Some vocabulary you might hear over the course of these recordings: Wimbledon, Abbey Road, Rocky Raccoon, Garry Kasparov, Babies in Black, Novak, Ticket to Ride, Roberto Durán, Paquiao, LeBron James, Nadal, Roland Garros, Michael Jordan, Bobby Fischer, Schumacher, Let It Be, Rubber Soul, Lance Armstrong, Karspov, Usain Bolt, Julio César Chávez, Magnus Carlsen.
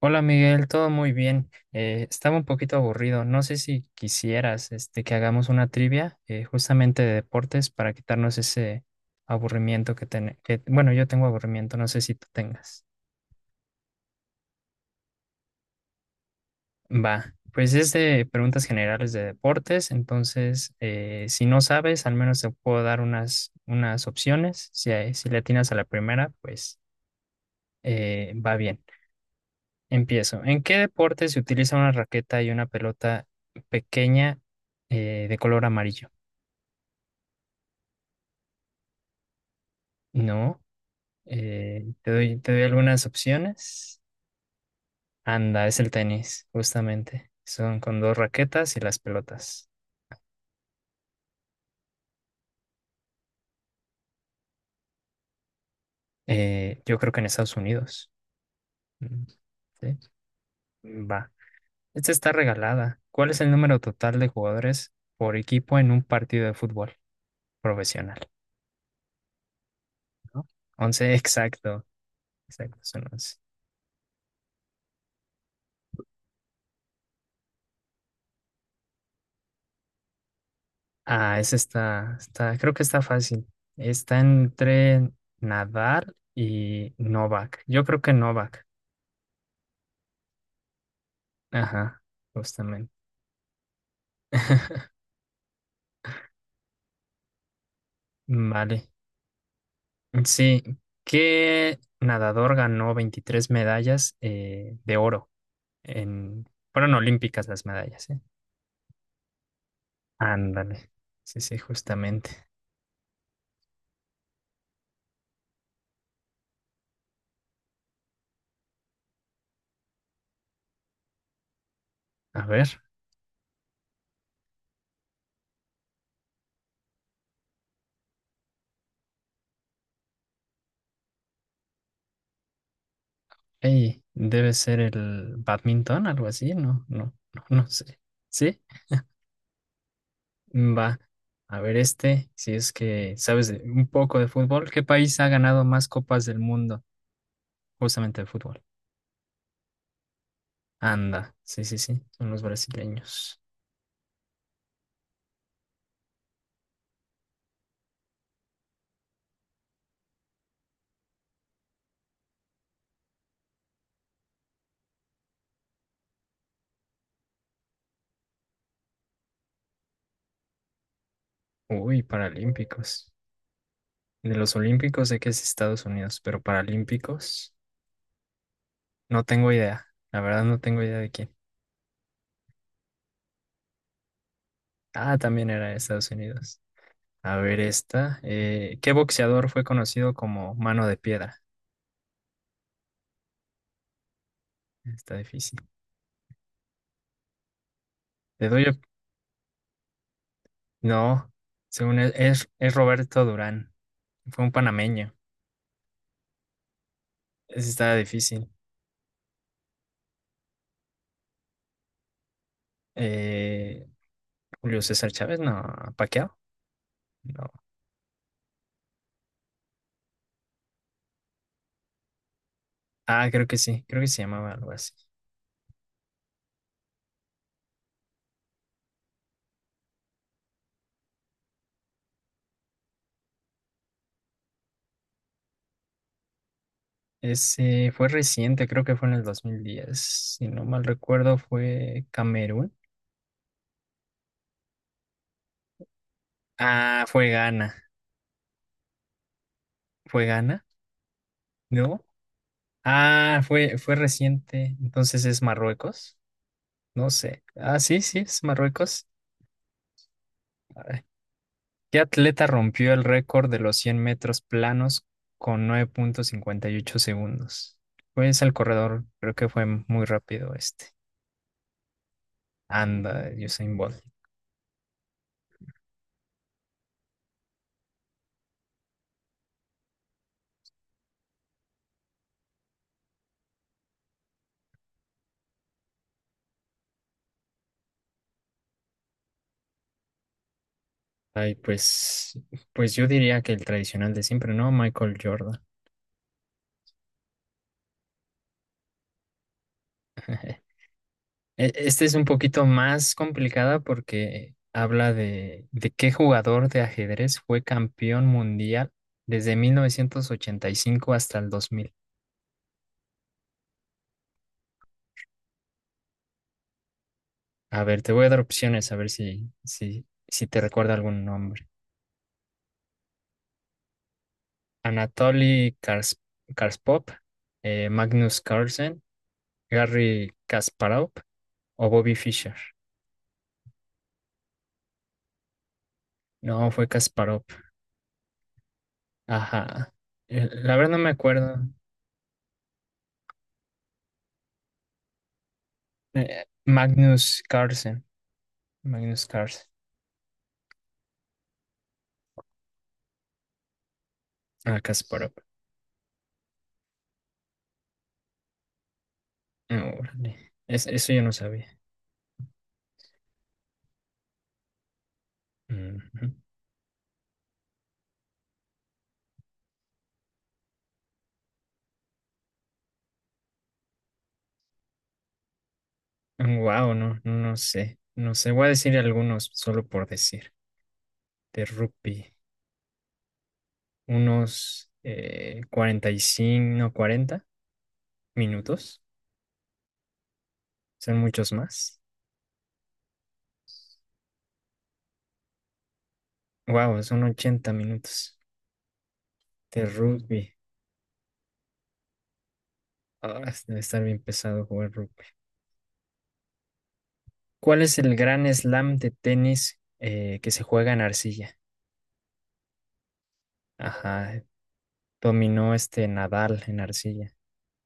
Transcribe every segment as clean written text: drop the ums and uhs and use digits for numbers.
Hola Miguel, todo muy bien. Estaba un poquito aburrido. No sé si quisieras este, que hagamos una trivia justamente de deportes para quitarnos ese aburrimiento que, bueno, yo tengo aburrimiento, no sé si tú tengas. Va, pues es de preguntas generales de deportes, entonces si no sabes, al menos te puedo dar unas opciones. Si, si le atinas a la primera, pues va bien. Empiezo. ¿En qué deporte se utiliza una raqueta y una pelota pequeña de color amarillo? No. Te doy algunas opciones. Anda, es el tenis, justamente. Son con dos raquetas y las pelotas. Yo creo que en Estados Unidos. Mm. ¿Sí? Va. Esta está regalada. ¿Cuál es el número total de jugadores por equipo en un partido de fútbol profesional? ¿No? 11, exacto. Exacto, son 11. Ah, esa creo que está fácil. Está entre Nadal y Novak. Yo creo que Novak. Ajá, justamente. Vale. Sí, ¿qué nadador ganó 23 medallas de oro en... Fueron olímpicas las medallas, ¿eh? Ándale. Sí, sí, justamente. A ver. Ey, debe ser el badminton, algo así, no, no, no, no sé. ¿Sí? Va, a ver este, si es que sabes un poco de fútbol, ¿qué país ha ganado más copas del mundo justamente de fútbol? Anda, sí, sí, sí, son los brasileños. Uy, paralímpicos. De los olímpicos sé que es Estados Unidos, pero paralímpicos no tengo idea. La verdad no tengo idea de quién. Ah, también era de Estados Unidos. A ver esta, ¿qué boxeador fue conocido como Mano de Piedra? Está difícil. Te doy, no, según él, es Roberto Durán. Fue un panameño. Ese estaba difícil. Eh, Julio César Chávez, no. Paquiao. No. Ah, creo que sí. Creo que se llamaba algo así. Ese fue reciente, creo que fue en el 2010. Si no mal recuerdo, fue Camerún. Ah, fue Ghana. ¿Fue Ghana? ¿No? Ah, fue reciente. Entonces es Marruecos. No sé. Ah, sí, sí, es Marruecos. ¿Qué atleta rompió el récord de los 100 metros planos con 9,58 segundos? Pues el corredor, creo que fue muy rápido este. Anda, Usain Bolt. Ay, pues yo diría que el tradicional de siempre, ¿no? Michael Jordan. Este es un poquito más complicada porque habla de qué jugador de ajedrez fue campeón mundial desde 1985 hasta el 2000. A ver, te voy a dar opciones a ver si te recuerda algún nombre. Anatoly Karspov, Magnus Carlsen, Garry Kasparov o Bobby Fischer. No, fue Kasparov. Ajá. La verdad no me acuerdo. Magnus Carlsen. Magnus Carlsen. Ah, Kasparov. No, órale. Eso yo no sabía. Wow, no, no sé. No sé. Voy a decir algunos solo por decir. De rugby. Unos 45 no, 40 minutos. Son muchos más. Wow, son 80 minutos de rugby. Ah, debe estar bien pesado jugar rugby. ¿Cuál es el gran slam de tenis que se juega en arcilla? Ajá, dominó este Nadal en arcilla.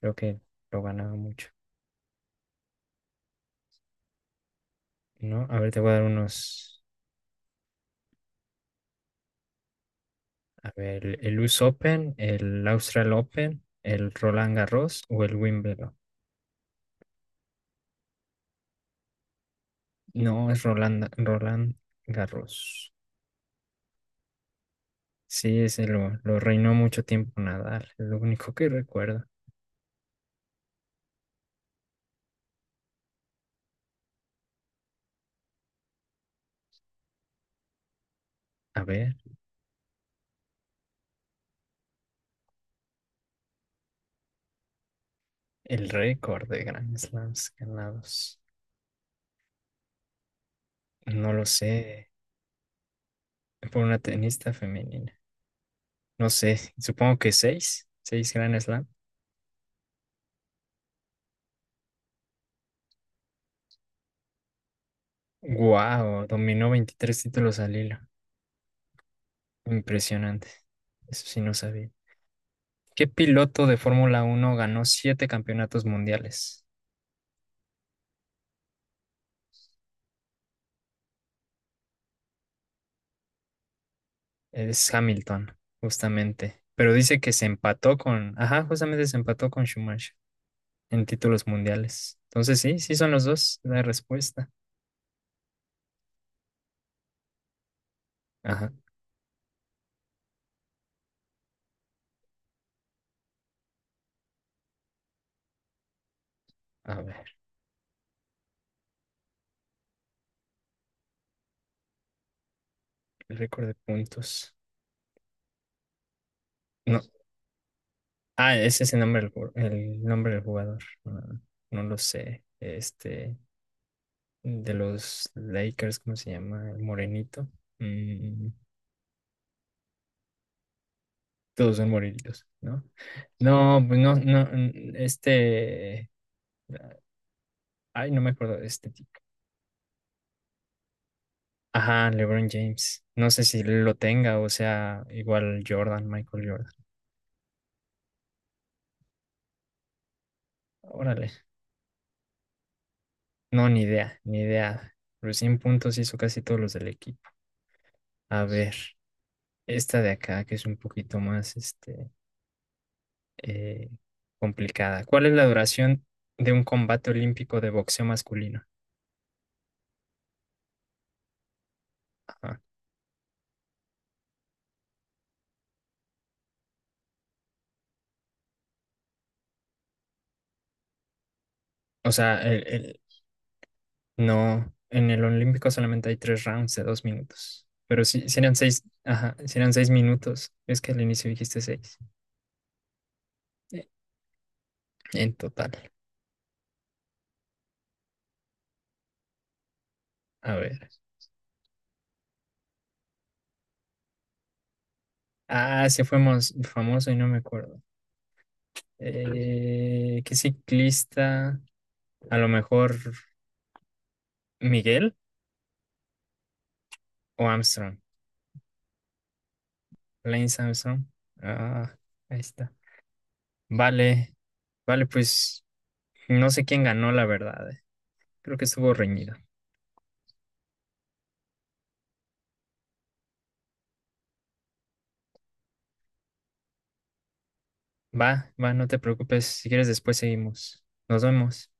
Creo que lo ganaba mucho, ¿no? A ver, te voy a dar unos. A ver, el US Open, el Austral Open, el Roland Garros o el Wimbledon. No, es Roland Garros. Sí, ese lo reinó mucho tiempo Nadal, es lo único que recuerdo. A ver, el récord de Grand Slams ganados. No lo sé, por una tenista femenina. No sé, supongo que seis, seis Grand Slam. Wow, dominó 23 títulos al hilo. Impresionante. Eso sí no sabía. ¿Qué piloto de Fórmula Uno ganó siete campeonatos mundiales? Es Hamilton, justamente. Pero dice que se empató con, ajá, justamente se empató con Schumacher en títulos mundiales. Entonces sí, sí son los dos la respuesta. Ajá, a ver, el récord de puntos. No, ah, ese es el nombre del, el nombre del jugador. No, no lo sé. Este, de los Lakers, ¿cómo se llama? El morenito. Mm, todos son morenitos, ¿no? No, pues no, no, este, ay, no me acuerdo, de este tipo. Ajá, LeBron James. No sé si lo tenga o sea igual Jordan, Michael Jordan. Órale. No, ni idea, ni idea. Pero 100 puntos hizo casi todos los del equipo. A ver, esta de acá que es un poquito más este, eh, complicada. ¿Cuál es la duración de un combate olímpico de boxeo masculino? Ajá. O sea, no, en el olímpico solamente hay tres rounds de 2 minutos. Pero sí, sí eran seis, ajá, sí eran 6 minutos. Es que al inicio dijiste seis. Eh, En total. A ver. Ah, ese fue famoso y no me acuerdo. ¿Qué ciclista? A lo mejor Miguel o Armstrong. Lance Armstrong. Ah, ahí está. Vale, vale, pues no sé quién ganó, la verdad. Creo que estuvo reñido. Va, va, no te preocupes. Si quieres, después seguimos. Nos vemos.